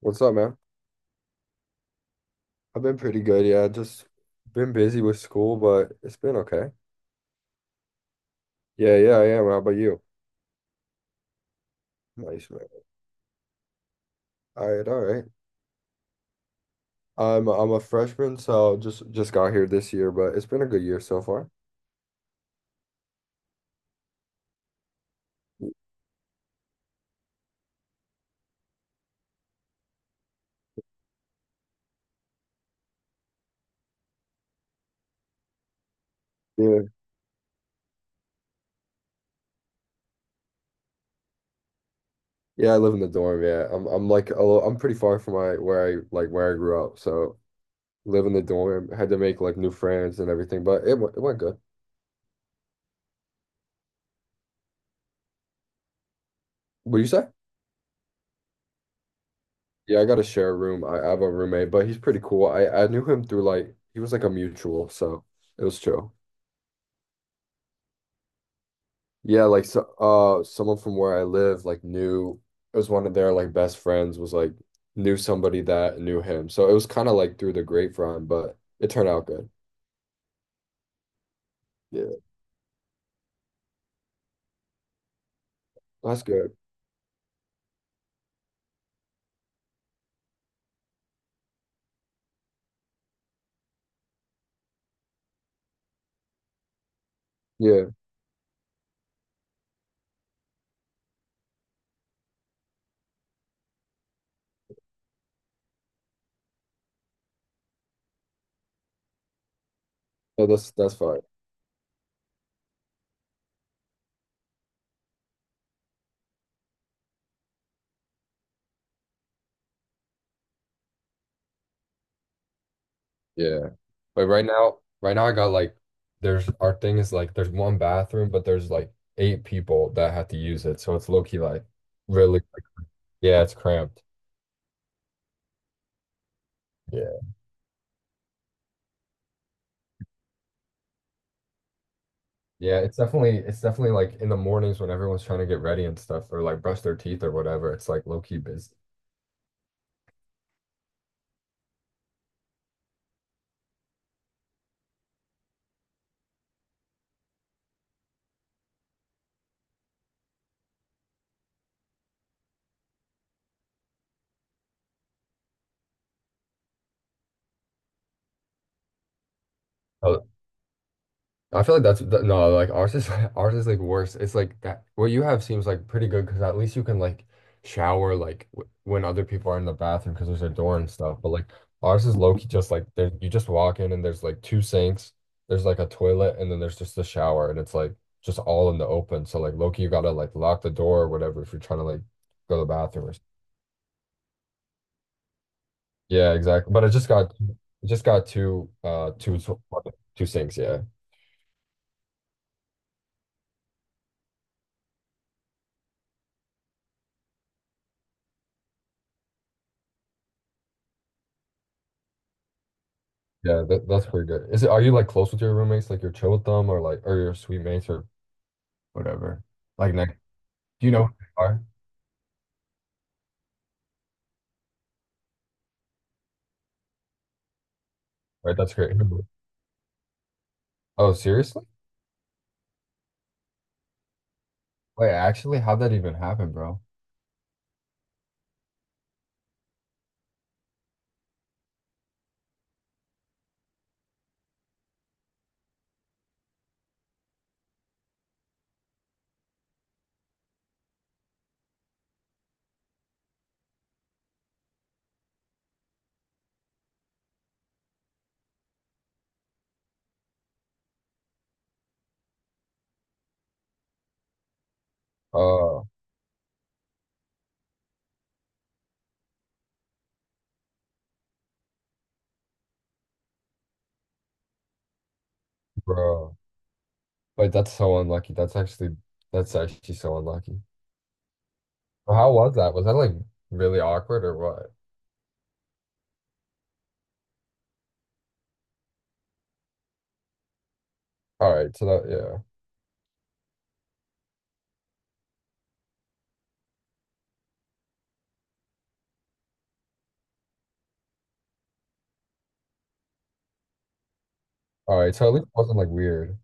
What's up, man? I've been pretty good, yeah. Just been busy with school, but it's been okay. Yeah, yeah, I am. How about you? Nice, man. All right, all right. I'm a freshman, so just got here this year, but it's been a good year so far. Yeah. Yeah, I live in the dorm, yeah. I'm like a little, I'm pretty far from my where I like where I grew up, so live in the dorm, had to make like new friends and everything, but it went good. What do you say? Yeah, I got to share a room. I have a roommate, but he's pretty cool. I knew him through like he was like a mutual, so it was chill. Yeah, like so, someone from where I live, like knew it was one of their like best friends was like knew somebody that knew him. So it was kind of like through the grapevine, but it turned out good. Yeah, that's good. Yeah, no, that's fine. Yeah, but right now I got like there's our thing is like there's one bathroom, but there's like eight people that have to use it, so it's low key like really like yeah, it's cramped. Yeah. Yeah, it's definitely like in the mornings when everyone's trying to get ready and stuff or like brush their teeth or whatever. It's like low key busy. Oh, I feel like that's no, like ours is ours is like worse. It's like that what you have seems like pretty good because at least you can like shower like w when other people are in the bathroom because there's a door and stuff. But like ours is low key just like there you just walk in and there's like two sinks, there's like a toilet and then there's just a shower and it's like just all in the open. So like low key you gotta like lock the door or whatever if you're trying to like go to the bathroom or yeah, exactly. But I just got two two two sinks, yeah. Yeah, that's pretty good. Is it are you like close with your roommates, like your chill with them or like or your suite mates or whatever? Like next do you know who they are? Right, that's great. Oh, seriously? Wait, actually, how'd that even happen, bro? Oh, bro. Wait, that's so unlucky. That's actually so unlucky. Well, how was that? Was that like really awkward or what? All right, so that yeah. All right, so at least it wasn't like weird.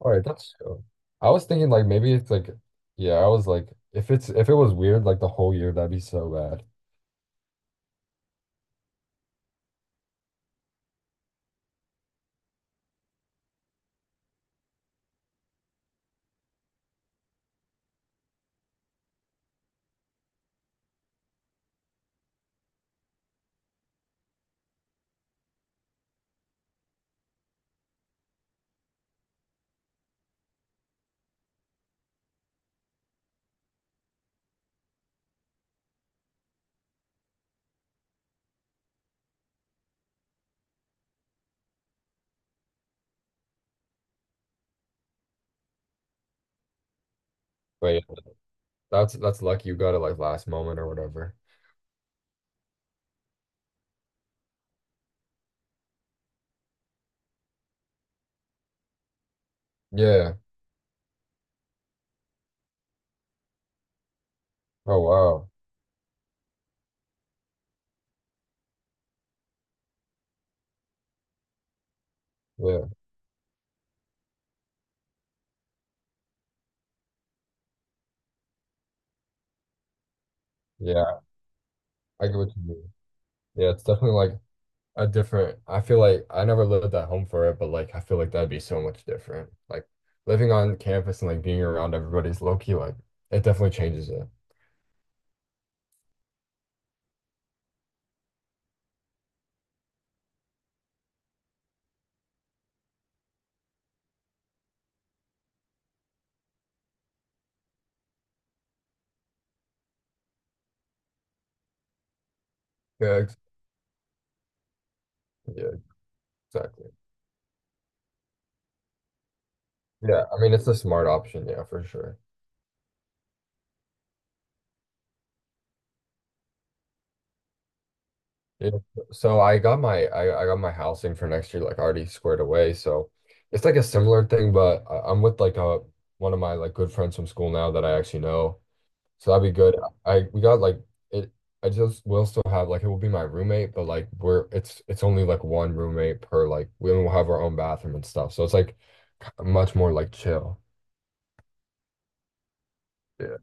All right, that's cool. I was thinking like maybe it's like yeah, I was like if it's if it was weird like the whole year that'd be so bad. But yeah, that's lucky you got it like last moment or whatever. Yeah. Oh wow. Yeah. Yeah. I get what you mean. Yeah, it's definitely like a different I feel like I never lived at home for it, but like I feel like that'd be so much different. Like living on campus and like being around everybody's low key like it definitely changes it. Yeah, yeah, exactly. Yeah, I mean it's a smart option, yeah, for sure. Yeah. So I got my housing for next year like already squared away. So it's like a similar thing, but I'm with like a one of my like good friends from school now that I actually know. So that'd be good. I we got like it I just will still have like it will be my roommate, but like we're it's only like one roommate per like we will have our own bathroom and stuff. So it's like much more like chill. Yeah.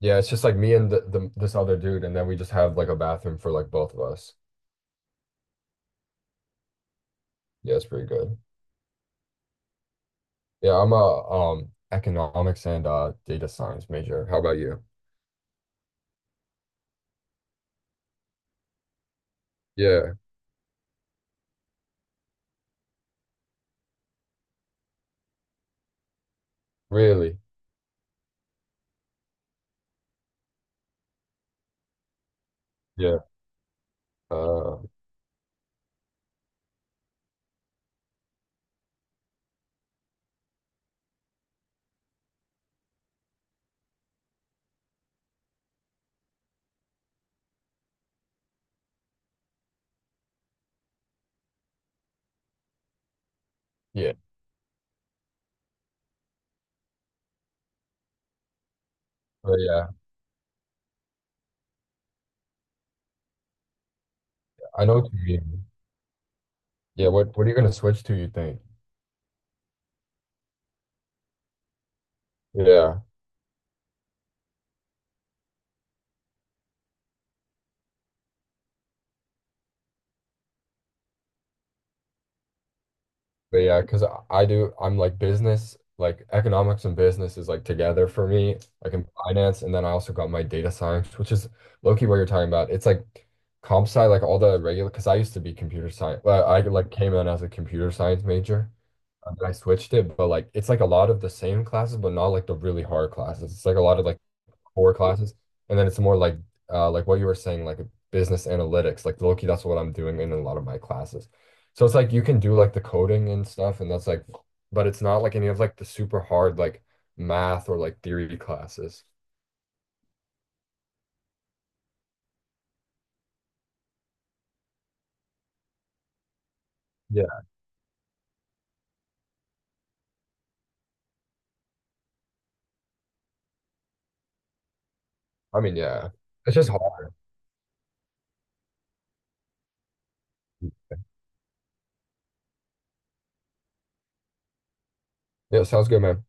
Yeah, it's just like me and the this other dude and then we just have like a bathroom for like both of us. Yeah, it's pretty good. Yeah, I'm a economics and data science major. How about you? Yeah, really. Yeah. Uh, yeah. But yeah, I know what you mean. Yeah, what are you gonna switch to, you think? Yeah. But yeah, because I do I'm like business, like economics and business is like together for me, like in finance, and then I also got my data science, which is low-key what you're talking about. It's like comp sci, like all the regular because I used to be computer science. Well, I like came in as a computer science major. And I switched it, but like it's like a lot of the same classes, but not like the really hard classes. It's like a lot of like core classes, and then it's more like what you were saying, like business analytics. Like low key, that's what I'm doing in a lot of my classes. So it's like you can do like the coding and stuff, and that's like, but it's not like any of like the super hard like math or like theory classes. Yeah. I mean, yeah, it's just hard. Yeah, sounds good, man.